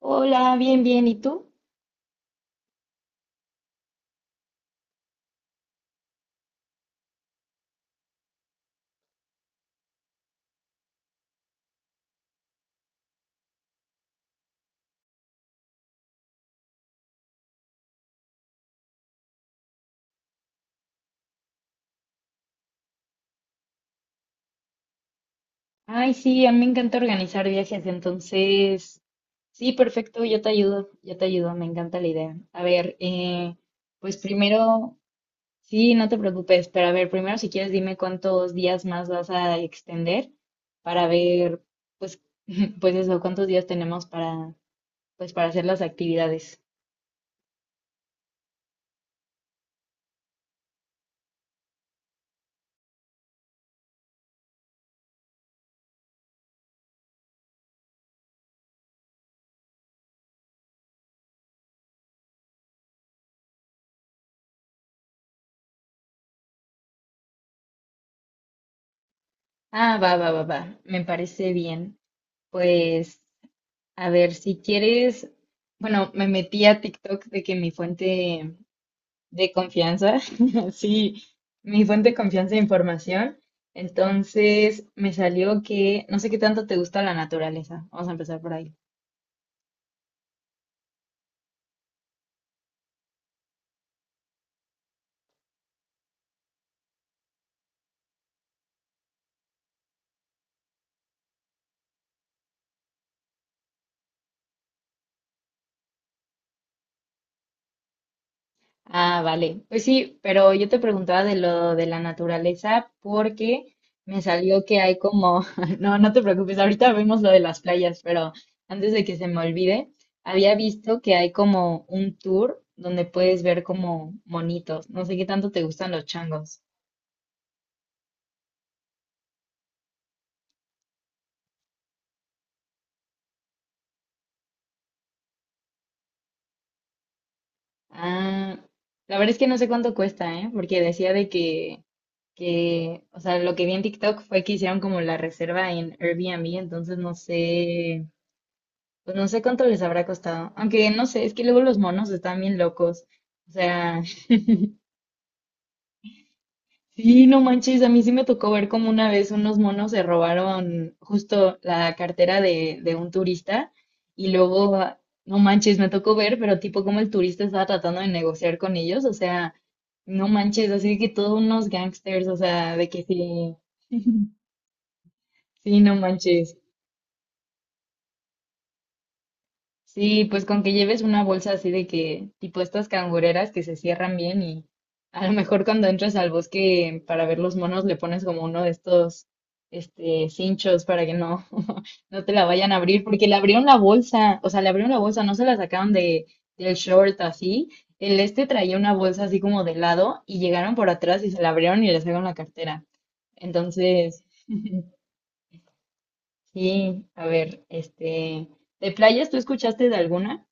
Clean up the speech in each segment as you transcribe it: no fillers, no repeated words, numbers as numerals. Hola, bien, bien. ¿Y tú? Ay, sí, a mí me encanta organizar viajes, entonces, sí, perfecto, yo te ayudo, me encanta la idea. A ver, pues primero, sí, no te preocupes, pero a ver, primero si quieres dime cuántos días más vas a extender para ver, pues, pues eso, cuántos días tenemos para, pues, para hacer las actividades. Ah, va, va, va, va, me parece bien. Pues a ver, si quieres, bueno, me metí a TikTok de que mi fuente de confianza, sí, mi fuente de confianza de información, entonces me salió que no sé qué tanto te gusta la naturaleza. Vamos a empezar por ahí. Ah, vale. Pues sí, pero yo te preguntaba de lo de la naturaleza porque me salió que hay como, no, no te preocupes, ahorita vemos lo de las playas, pero antes de que se me olvide, había visto que hay como un tour donde puedes ver como monitos. No sé qué tanto te gustan los changos. Ah, la verdad es que no sé cuánto cuesta, ¿eh? Porque decía de que, o sea, lo que vi en TikTok fue que hicieron como la reserva en Airbnb, entonces no sé. Pues no sé cuánto les habrá costado. Aunque no sé, es que luego los monos están bien locos. O sea, sí, no manches, a mí sí me tocó ver como una vez unos monos se robaron justo la cartera de un turista y luego, ah, no manches, me tocó ver, pero tipo como el turista estaba tratando de negociar con ellos. O sea, no manches, así que todos unos gangsters, o sea, de que sí, sí, no manches. Sí, pues con que lleves una bolsa así de que, tipo estas cangureras que se cierran bien y a lo mejor cuando entras al bosque para ver los monos le pones como uno de estos, este, cinchos para que no, no te la vayan a abrir, porque le abrieron la bolsa, o sea, le abrieron la bolsa, no se la sacaron de, del short así. El este traía una bolsa así como de lado y llegaron por atrás y se la abrieron y le sacaron la cartera. Entonces, sí, a ver, este, ¿de playas tú escuchaste de alguna?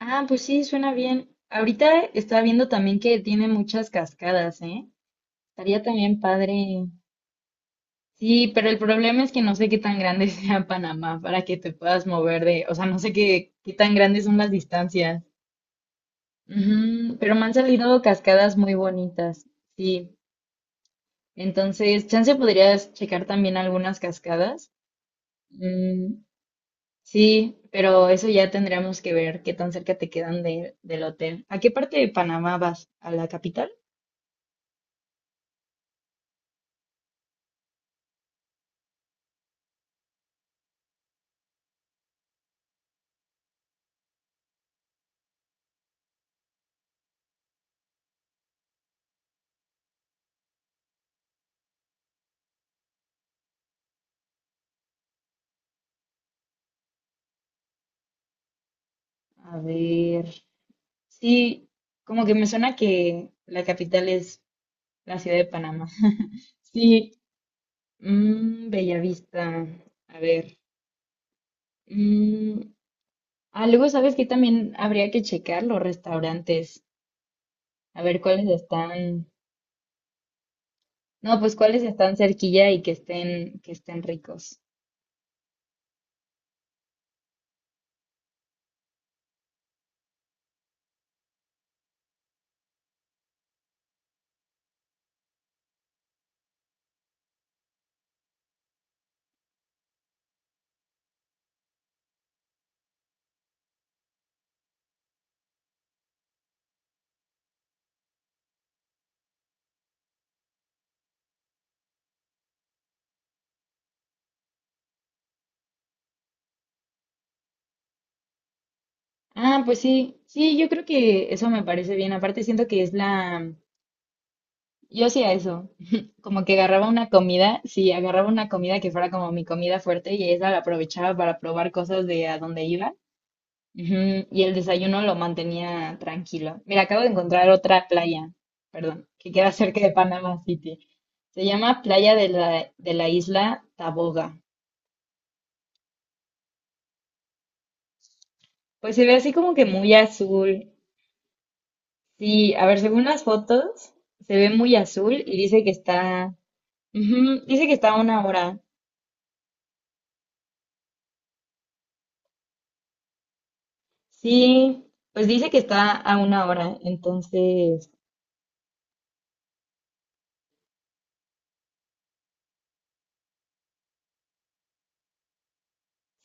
Ah, pues sí, suena bien. Ahorita estaba viendo también que tiene muchas cascadas, ¿eh? Estaría también padre. Sí, pero el problema es que no sé qué tan grande sea Panamá para que te puedas mover de, o sea, no sé qué, qué tan grandes son las distancias. Ujú, pero me han salido cascadas muy bonitas, sí. Entonces, chance podrías checar también algunas cascadas. Mm, sí, pero eso ya tendríamos que ver qué tan cerca te quedan del hotel. ¿A qué parte de Panamá vas? ¿A la capital? A ver, sí, como que me suena que la capital es la ciudad de Panamá. Sí, mm, Bellavista. A ver, mm, ah, luego sabes que también habría que checar los restaurantes, a ver cuáles están, no, pues cuáles están cerquilla y que estén ricos. Ah, pues sí, sí, yo creo que eso me parece bien. Aparte siento que es la. Yo hacía eso, como que agarraba una comida, sí, agarraba una comida que fuera como mi comida fuerte y esa la aprovechaba para probar cosas de a dónde iba. Ujú. Y el desayuno lo mantenía tranquilo. Mira, acabo de encontrar otra playa, perdón, que queda cerca de Panama City. Se llama Playa de la, isla Taboga. Pues se ve así como que muy azul. Sí, a ver, según las fotos, se ve muy azul y dice que está, ujú, dice que está a una hora. Sí, pues dice que está a una hora, entonces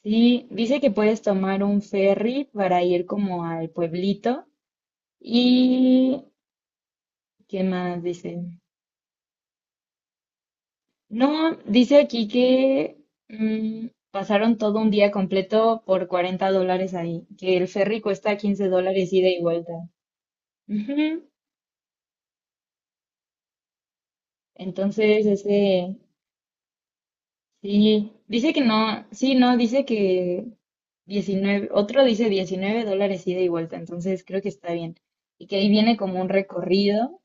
sí, dice que puedes tomar un ferry para ir como al pueblito. ¿Y qué más dice? No, dice aquí que mm, pasaron todo un día completo por $40 ahí, que el ferry cuesta $15 ida y vuelta. Ujú. Entonces, ese, sí, dice que no, sí, no, dice que 19, otro dice $19 ida y vuelta, entonces creo que está bien. Y que ahí viene como un recorrido.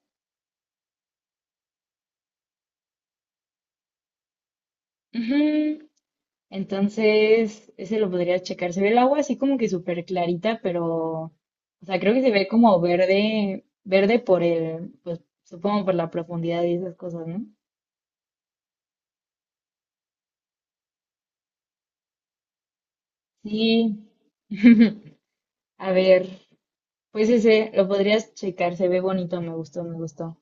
Ujú. Entonces, ese lo podría checar. Se ve el agua así como que súper clarita, pero, o sea, creo que se ve como verde, verde por el, pues supongo por la profundidad y esas cosas, ¿no? Sí. A ver, pues ese lo podrías checar, se ve bonito, me gustó, me gustó.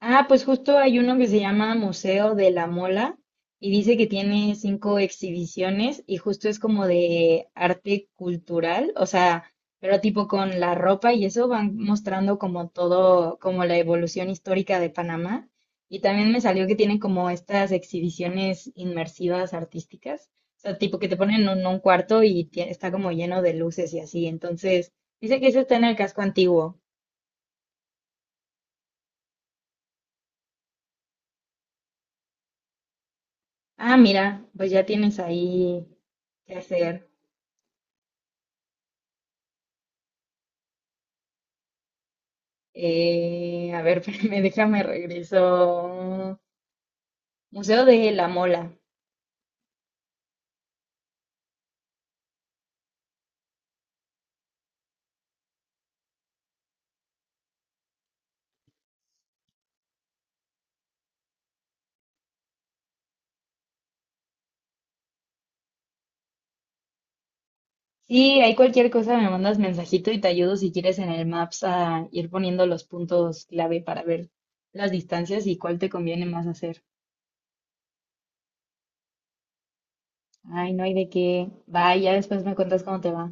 Ah, pues justo hay uno que se llama Museo de la Mola y dice que tiene cinco exhibiciones y justo es como de arte cultural, o sea, pero tipo con la ropa y eso van mostrando como todo, como la evolución histórica de Panamá. Y también me salió que tienen como estas exhibiciones inmersivas artísticas, o sea, tipo que te ponen en un cuarto y está como lleno de luces y así. Entonces, dice que ese está en el casco antiguo. Ah, mira, pues ya tienes ahí qué hacer. A ver, me déjame regreso. Museo de la Mola. Sí, hay cualquier cosa, me mandas mensajito y te ayudo si quieres en el Maps a ir poniendo los puntos clave para ver las distancias y cuál te conviene más hacer. Ay, no hay de qué. Bye, ya después me cuentas cómo te va.